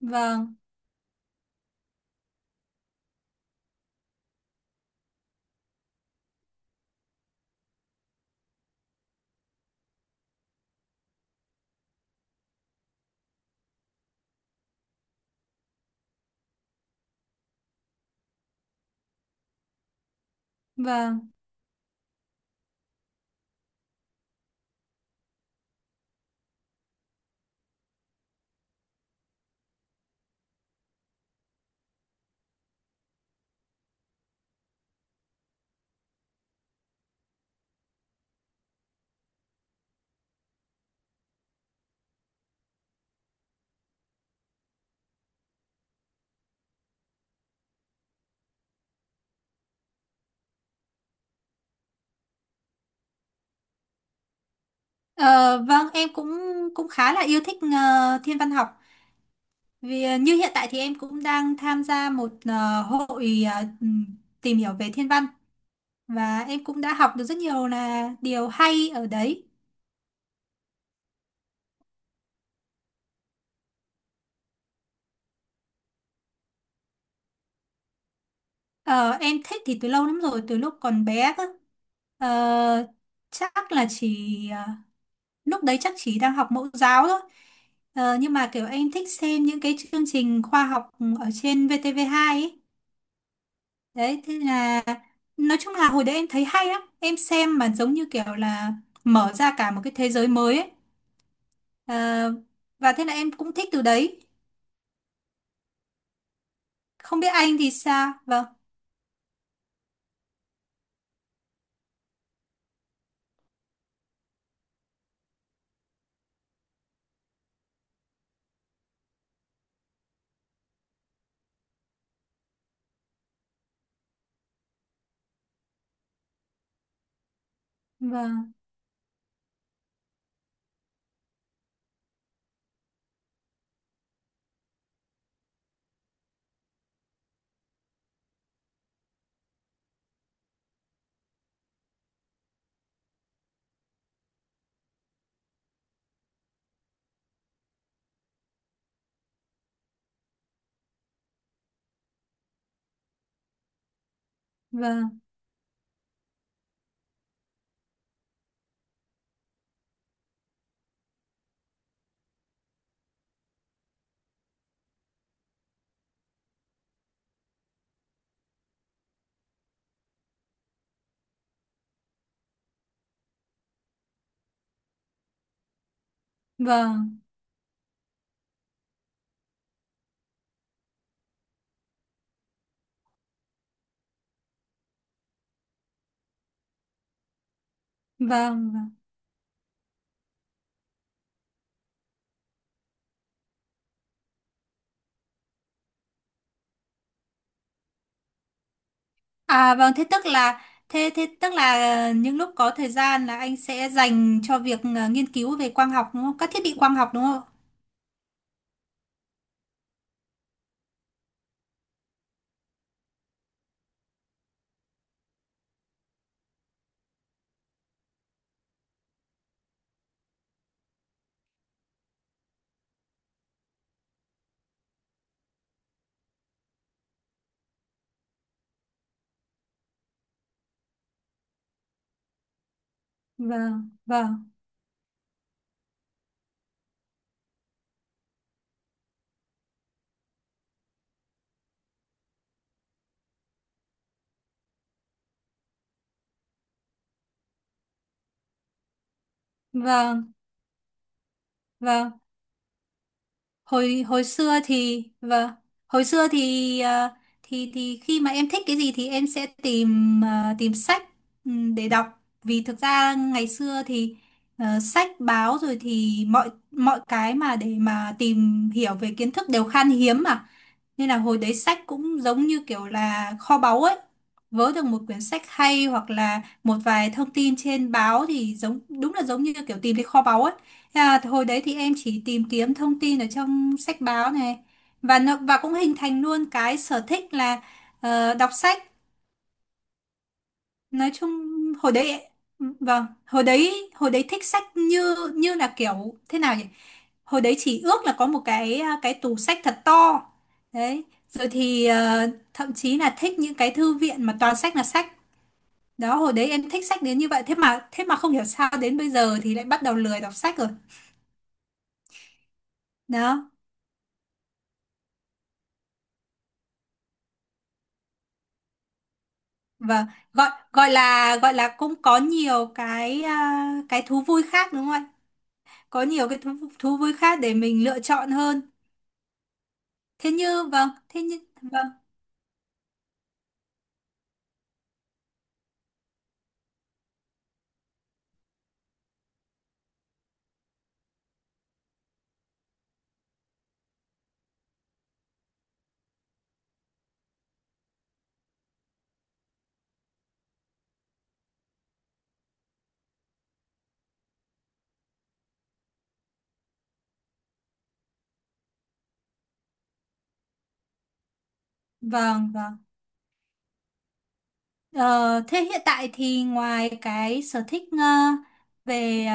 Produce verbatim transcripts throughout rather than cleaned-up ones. Vâng, vâng. Ờ, vâng, em cũng cũng khá là yêu thích ờ, thiên văn học. Vì ờ, như hiện tại thì em cũng đang tham gia một ờ, hội ờ, ừm, tìm hiểu về thiên văn và em cũng đã học được rất nhiều là điều hay ở đấy. Ờ, em thích thì từ lâu lắm rồi, từ lúc còn bé cơ. Ờ, Chắc là chỉ ờ, lúc đấy chắc chỉ đang học mẫu giáo thôi. Ờ, nhưng mà kiểu em thích xem những cái chương trình khoa học ở trên vê tê vê hai ấy. Đấy, thế là nói chung là hồi đấy em thấy hay lắm. Em xem mà giống như kiểu là mở ra cả một cái thế giới mới ấy. Ờ, và thế là em cũng thích từ đấy. Không biết anh thì sao? Vâng, vâng, vâng, vâng, vâng, vâng. À vâng, thế tức là thế thế tức là ờ, những lúc có thời gian là anh sẽ dành cho việc ờ, nghiên cứu về quang học đúng không? Các thiết bị quang học đúng không? Vâng, vâng, vâng, vâng. hồi hồi xưa thì vâng, hồi xưa thì ờ, thì thì khi mà em thích cái gì thì em sẽ tìm ờ, tìm sách, ừm, để đọc. Vì thực ra ngày xưa thì ờ, sách báo rồi thì mọi mọi cái mà để mà tìm hiểu về kiến thức đều khan hiếm mà, nên là hồi đấy sách cũng giống như kiểu là kho báu ấy. Vớ được một quyển sách hay hoặc là một vài thông tin trên báo thì giống đúng là giống như kiểu tìm thấy kho báu ấy. Thế là hồi đấy thì em chỉ tìm kiếm thông tin ở trong sách báo này, và nó, và cũng hình thành luôn cái sở thích là ờ, đọc sách nói chung. Hồi đấy vâng, hồi đấy, hồi đấy thích sách như như là kiểu thế nào nhỉ, hồi đấy chỉ ước là có một cái cái tủ sách thật to đấy, rồi thì ờ, thậm chí là thích những cái thư viện mà toàn sách là sách. Đó hồi đấy em thích sách đến như vậy, thế mà thế mà không hiểu sao đến bây giờ thì lại bắt đầu lười đọc sách rồi. Đó và gọi gọi là gọi là cũng có nhiều cái à, cái thú vui khác đúng không ạ, có nhiều cái thú, thú vui khác để mình lựa chọn hơn. Thế như vâng, thế như vâng, vâng, vâng. Ờ, Thế hiện tại thì ngoài cái sở thích ờ, về ờ,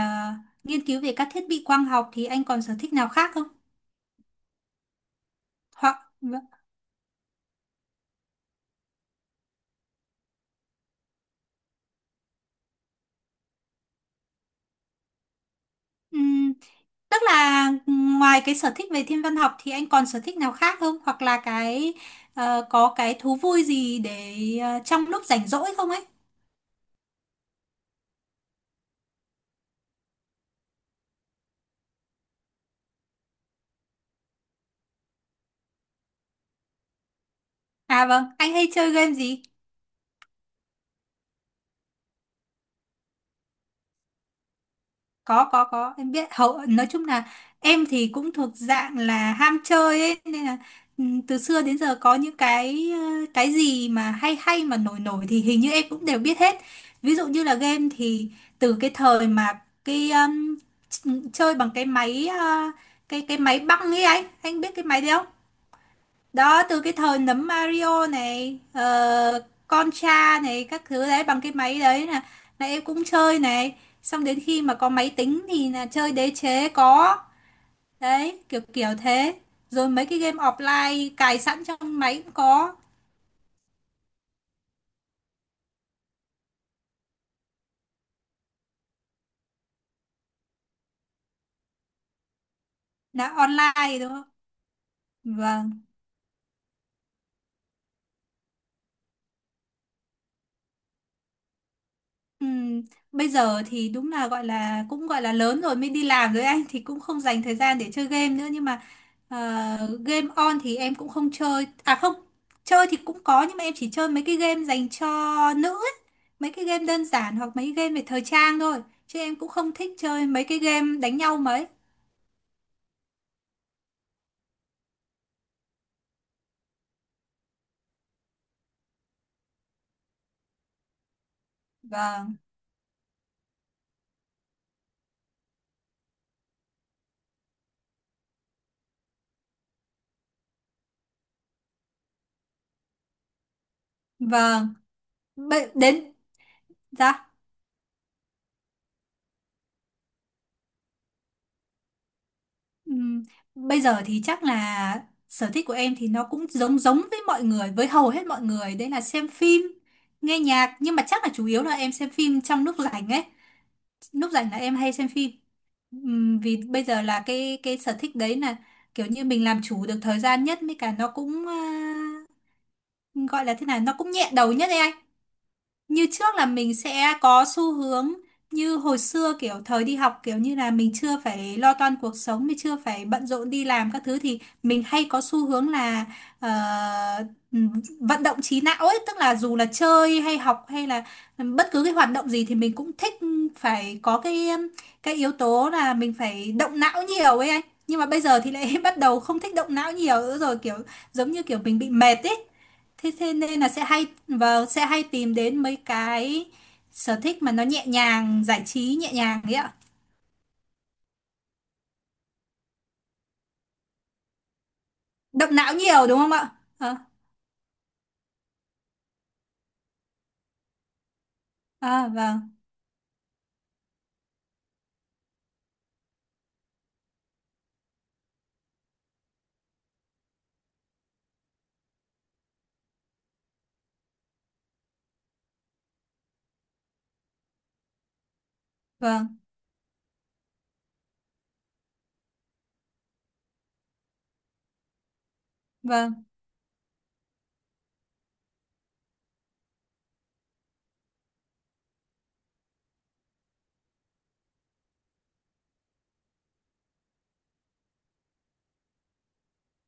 nghiên cứu về các thiết bị quang học thì anh còn sở thích nào khác không? Hoặc vâng, ừm, tức là ừ, ngoài cái sở thích về thiên văn học thì anh còn sở thích nào khác không? Hoặc là cái ờ, có cái thú vui gì để ờ, trong lúc rảnh rỗi không ấy? À vâng, anh hay chơi game gì? có có có em biết. Hậu nói chung là em thì cũng thuộc dạng là ham chơi ấy, nên là ừ, từ xưa đến giờ có những cái ờ, cái gì mà hay hay mà nổi nổi thì hình như em cũng đều biết hết. Ví dụ như là game thì từ cái thời mà cái um, ch- chơi bằng cái máy ờ, cái cái máy băng ấy, anh anh biết cái máy đấy không. Đó từ cái thời nấm Mario này, ờ, Contra này các thứ đấy, bằng cái máy đấy là là em cũng chơi này. Xong đến khi mà có máy tính thì là chơi đế chế có, đấy kiểu kiểu thế, rồi mấy cái game offline cài sẵn trong máy cũng có. Là online đúng không, vâng. Ừm, bây giờ thì đúng là gọi là cũng gọi là lớn rồi mới đi làm rồi anh thì cũng không dành thời gian để chơi game nữa, nhưng mà ờ, game on thì em cũng không chơi. À không, chơi thì cũng có nhưng mà em chỉ chơi mấy cái game dành cho nữ ấy. Mấy cái game đơn giản hoặc mấy game về thời trang thôi, chứ em cũng không thích chơi mấy cái game đánh nhau mấy. Vâng vâng. Bậy- đến dạ. Ừm, Bây giờ thì chắc là sở thích của em thì nó cũng giống giống với mọi người, với hầu hết mọi người, đấy là xem phim, nghe nhạc, nhưng mà chắc là chủ yếu là em xem phim trong lúc rảnh ấy. Lúc rảnh là em hay xem phim. Ừm, vì bây giờ là cái cái sở thích đấy là kiểu như mình làm chủ được thời gian nhất, với cả nó cũng à, gọi là thế nào, nó cũng nhẹ đầu nhất đấy anh. Như trước là mình sẽ có xu hướng, như hồi xưa kiểu thời đi học kiểu như là mình chưa phải lo toan cuộc sống, mình chưa phải bận rộn đi làm các thứ, thì mình hay có xu hướng là ờ, vận động trí não ấy, tức là dù là chơi hay học hay là bất cứ cái hoạt động gì thì mình cũng thích phải có cái um, cái yếu tố là mình phải động não nhiều ấy anh. Nhưng mà bây giờ thì lại bắt đầu không thích động não nhiều nữa rồi, kiểu giống như kiểu mình bị mệt ấy. Thế thế nên là sẽ hay vâng, sẽ hay tìm đến mấy cái sở thích mà nó nhẹ nhàng, giải trí nhẹ nhàng ấy ạ. Động não nhiều đúng không ạ. Ờ, à, vâng vâng vâng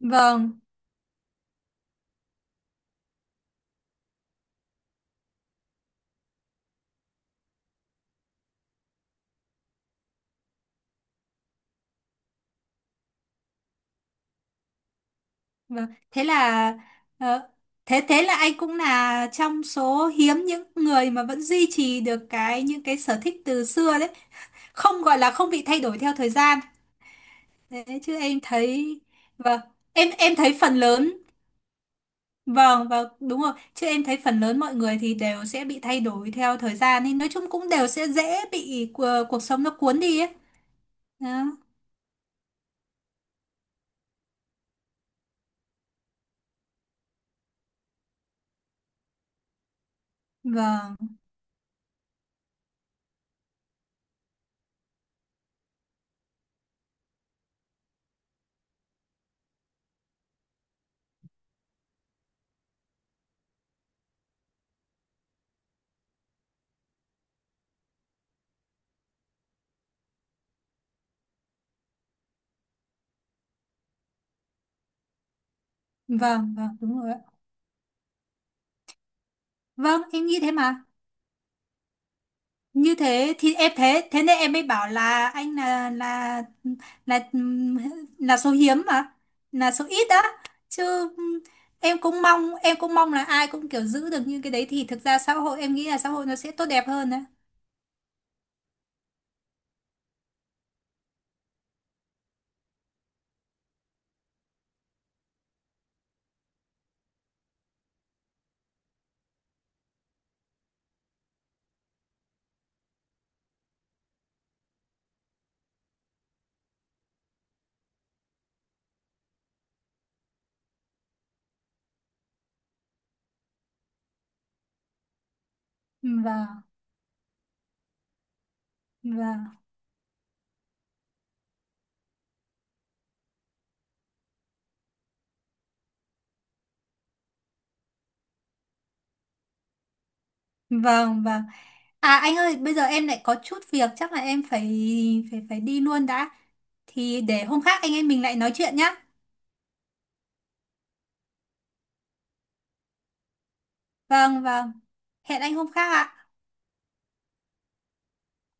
vâng vâng. Thế là ờ, thế thế là anh cũng là trong số hiếm những người mà vẫn duy trì được cái những cái sở thích từ xưa đấy, không gọi là không bị thay đổi theo thời gian đấy. Chứ em thấy vâng, em em thấy phần lớn. Vâng, vâng, đúng rồi. Chứ em thấy phần lớn mọi người thì đều sẽ bị thay đổi theo thời gian, nên nói chung cũng đều sẽ dễ bị cu- cuộc sống nó cuốn đi ấy. Đó. Vâng, vâng, vâng, đúng rồi. Ạ. Vâng, em nghĩ thế mà. Như thế thì em thế, thế nên em mới bảo là anh là là là là số hiếm mà, là số ít đó. Chứ em cũng mong em cũng mong là ai cũng kiểu giữ được như cái đấy thì thực ra xã hội, em nghĩ là xã hội nó sẽ tốt đẹp hơn đấy. Vâng, vâng. Vâng, vâng. À anh ơi, bây giờ em lại có chút việc, chắc là em phải phải phải đi luôn đã. Thì để hôm khác anh em mình lại nói chuyện nhá. Vâng vâng, hẹn anh hôm khác ạ.